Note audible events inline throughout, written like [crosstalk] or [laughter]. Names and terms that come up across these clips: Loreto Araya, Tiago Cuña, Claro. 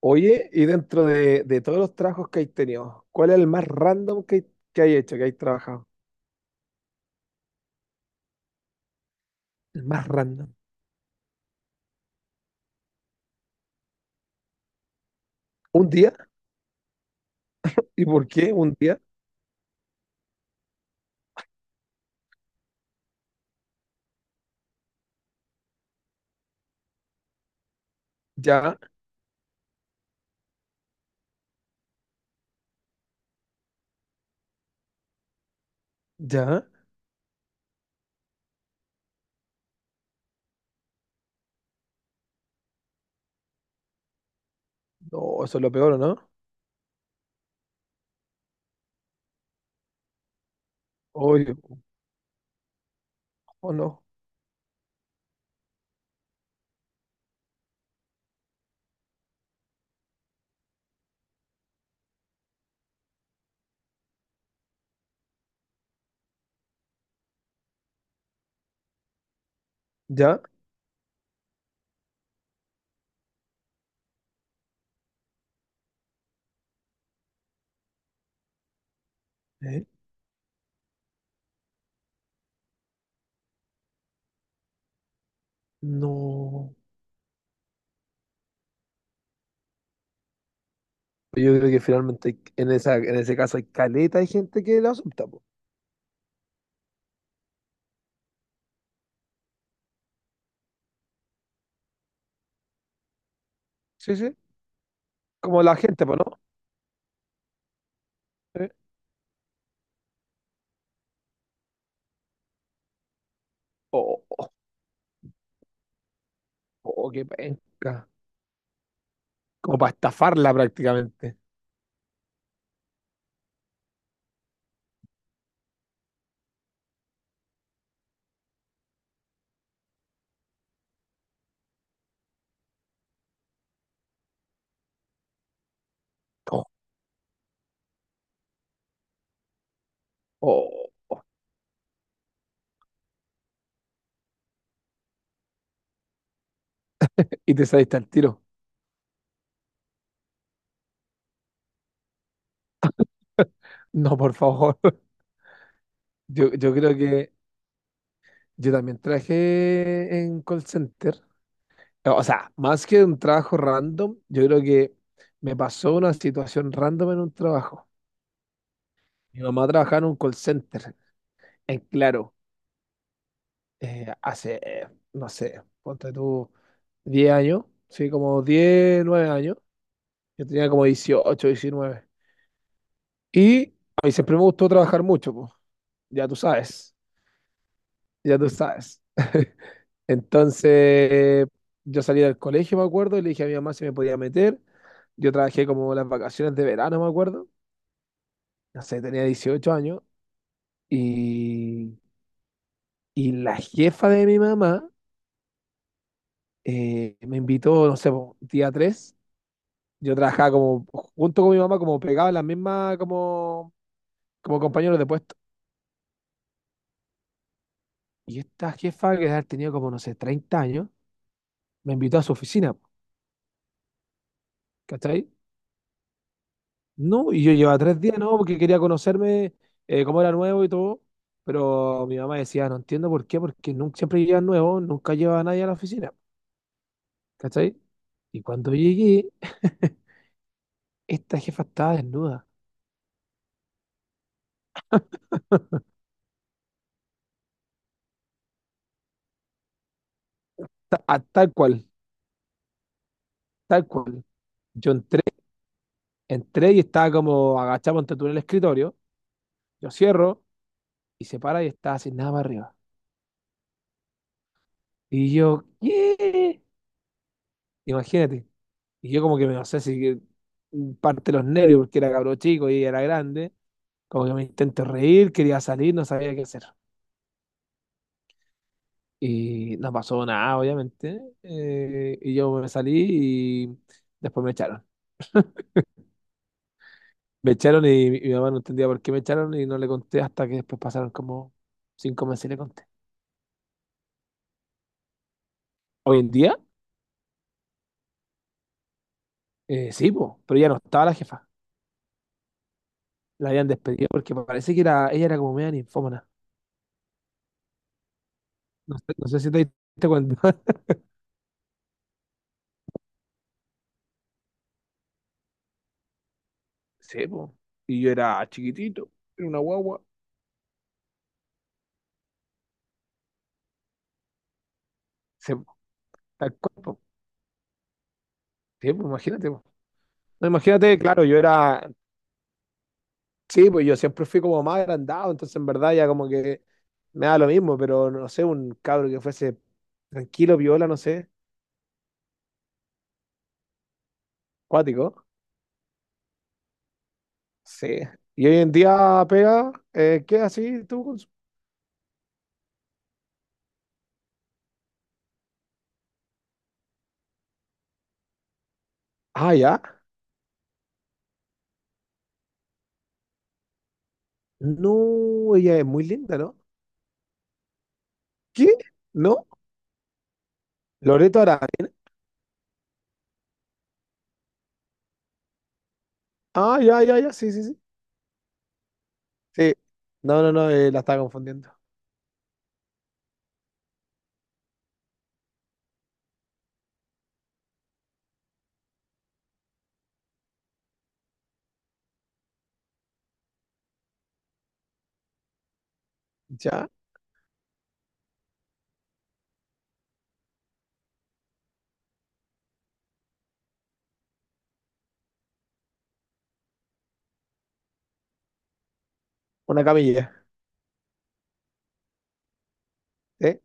Oye, y dentro de todos los trabajos que hay tenido, ¿cuál es el más random que hay hecho, que hay trabajado? El más random. ¿Un día? ¿Y por qué un día? Ya, ya. No, eso es lo peor, ¿o no? Oye, o no. ¿Ya? ¿Eh? No. Yo creo que finalmente en ese caso hay caleta, hay gente que lo acepta, po. Sí, sí. Como la gente, pues, ¿no? ¿Eh? Oh, oh, oh, qué penca. Como para estafarla prácticamente. Oh, oh. Y te saliste al tiro. No, por favor. Yo creo que yo también trabajé en call center. O sea, más que un trabajo random, yo creo que me pasó una situación random en un trabajo. Mi mamá trabajaba en un call center, en Claro, hace, no sé, ponte tú, 10 años, sí, como 10 9 años. Yo tenía como 18 19. Y a mí siempre me gustó trabajar mucho, pues, ya tú sabes, ya tú sabes. Entonces, yo salí del colegio, me acuerdo, y le dije a mi mamá si me podía meter. Yo trabajé como las vacaciones de verano, me acuerdo. No sé, tenía 18 años. Y, y la jefa de mi mamá me invitó, no sé, po, día 3. Yo trabajaba como, junto con mi mamá, como pegaba las mismas, como compañeros de puesto. Y esta jefa, que ha tenido como, no sé, 30 años, me invitó a su oficina, po, ¿cachai? No, y yo llevaba 3 días, ¿no? Porque quería conocerme cómo era nuevo y todo. Pero mi mamá decía, no entiendo por qué, porque nunca, siempre llegan nuevos, nunca lleva a nadie a la oficina, ¿cachai? Y cuando llegué, [laughs] esta jefa estaba desnuda, tal cual, tal cual. Yo entré y estaba como agachado ante tú en el escritorio, yo cierro y se para y estaba sin nada para arriba. Y yo, ¿qué? Imagínate. Y yo como que me, no sé si parte los nervios porque era cabro chico y ella era grande. Como que me intenté reír, quería salir, no sabía qué hacer. Y no pasó nada, obviamente. Y yo me salí y después me echaron. Me echaron y mi mamá no entendía por qué me echaron y no le conté hasta que después pasaron como 5 meses y le conté. Hoy en día, sí, po, pero ya no estaba la jefa. La habían despedido porque parece que ella era como media ninfómana. No sé si te diste cuenta. [laughs] Sí, po. Y yo era chiquitito, era una guagua. Sí, po, tal cual, po. Sí, po, imagínate, po. No, imagínate, claro, yo era. Sí, pues yo siempre fui como más agrandado, entonces en verdad ya como que me da lo mismo, pero no sé, un cabro que fuese tranquilo, viola, no sé, cuático. Sí. Y hoy en día pega, ¿qué así tú? Con su- Ah, ya. No, ella es muy linda, ¿no? ¿Qué? ¿No? Loreto Araya. Ah, ya, ya, ya, sí, sí, sí. Sí. No, no, no, la estaba confundiendo. Ya, una camilla, ¿eh?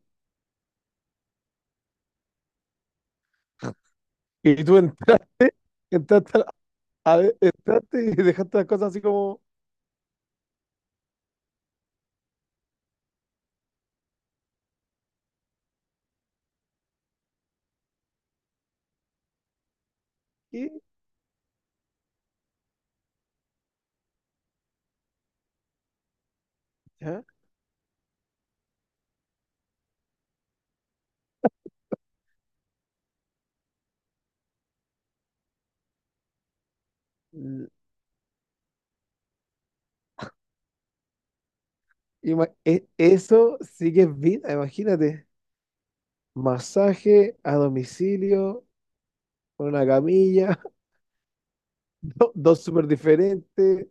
Y tú [laughs] entraste, entraste y dejaste las cosas así como, ¿qué? L- Eso sí que es vida, imagínate. Masaje a domicilio, con una camilla, [laughs] dos súper diferentes.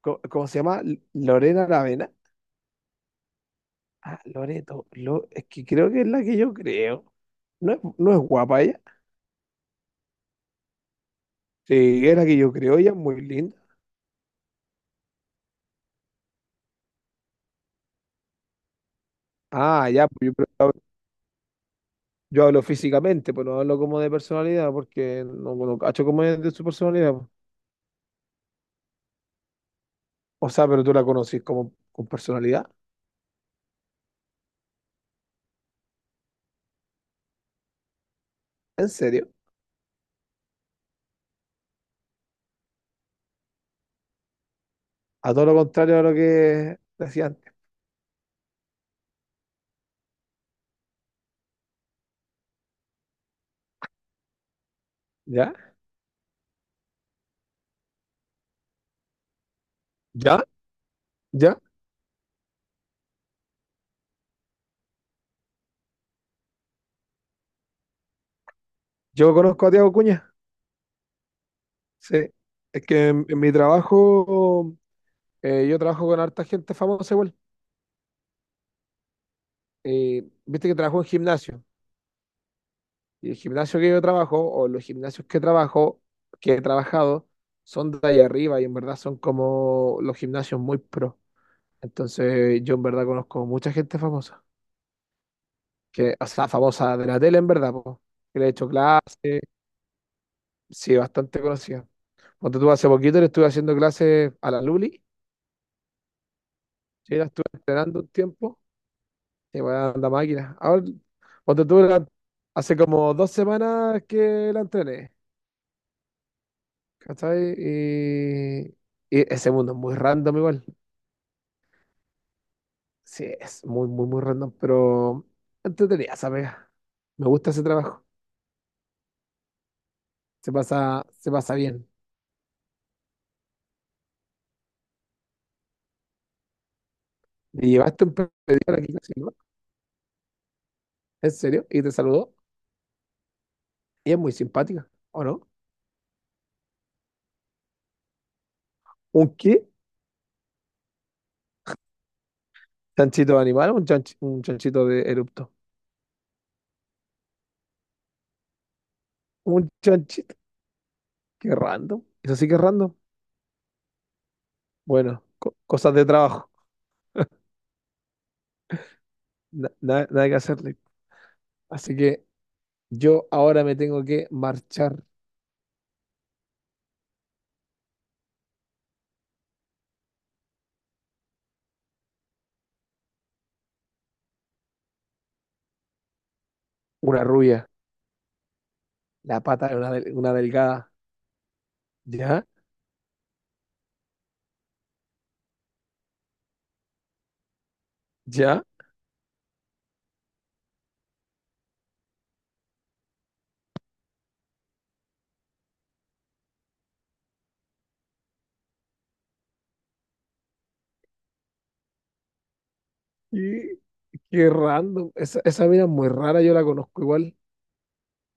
¿Cómo se llama? Lorena Lavena. Ah, Loreto. Es que creo que es la que yo creo. ¿No es guapa ella? Sí, es la que yo creo, ella es muy linda. Ah, ya, pues pero yo hablo físicamente, pues no hablo como de personalidad, porque no cacho como es de su personalidad, pues. O sea, pero tú la conocís como con personalidad. ¿En serio? A todo lo contrario a lo que decía antes. ¿Ya? ¿Ya? ¿Ya? Yo conozco a Tiago Cuña. Sí. Es que en mi trabajo, yo trabajo con harta gente famosa igual. Viste que trabajo en gimnasio. Y el gimnasio que yo trabajo, o los gimnasios que trabajo, que he trabajado, son de ahí arriba y en verdad son como los gimnasios muy pro. Entonces, yo en verdad conozco mucha gente famosa. Que, o sea, famosa de la tele en verdad, po, que le he hecho clases. Sí, bastante conocida. Cuando tú hace poquito le estuve haciendo clases a la Luli, sí, la estuve entrenando un tiempo, y weón, la máquina. Ahora, cuando tú la- hace como 2 semanas que la entrené, ¿cachai? Y ese mundo es muy random igual. Sí, es muy, muy, muy random, pero entretenida esa pega. Me gusta ese trabajo. Se pasa bien. Y llevaste un pedido aquí, ¿sí, no? ¿En serio? Y te saludó. Y es muy simpática, ¿o no? ¿Un qué? ¿Chanchito de animal o un chanchito de erupto? Un chanchito. Qué random. Eso sí que es random. Bueno, cosas de trabajo. Nada que hacerle. Así que yo ahora me tengo que marchar. Una rubia. La pata una delgada. ¿Ya? ¿Ya? Y qué random. Esa mina es muy rara. Yo la conozco igual.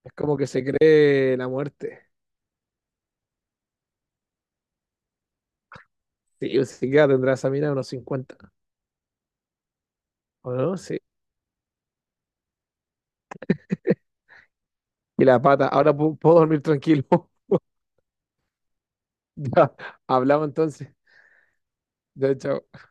Es como que se cree la muerte. Sí, o sea, que tendrá esa mina unos 50. ¿O no? Sí. Y la pata. Ahora puedo dormir tranquilo. [laughs] Ya. Hablamos entonces. Ya, chao.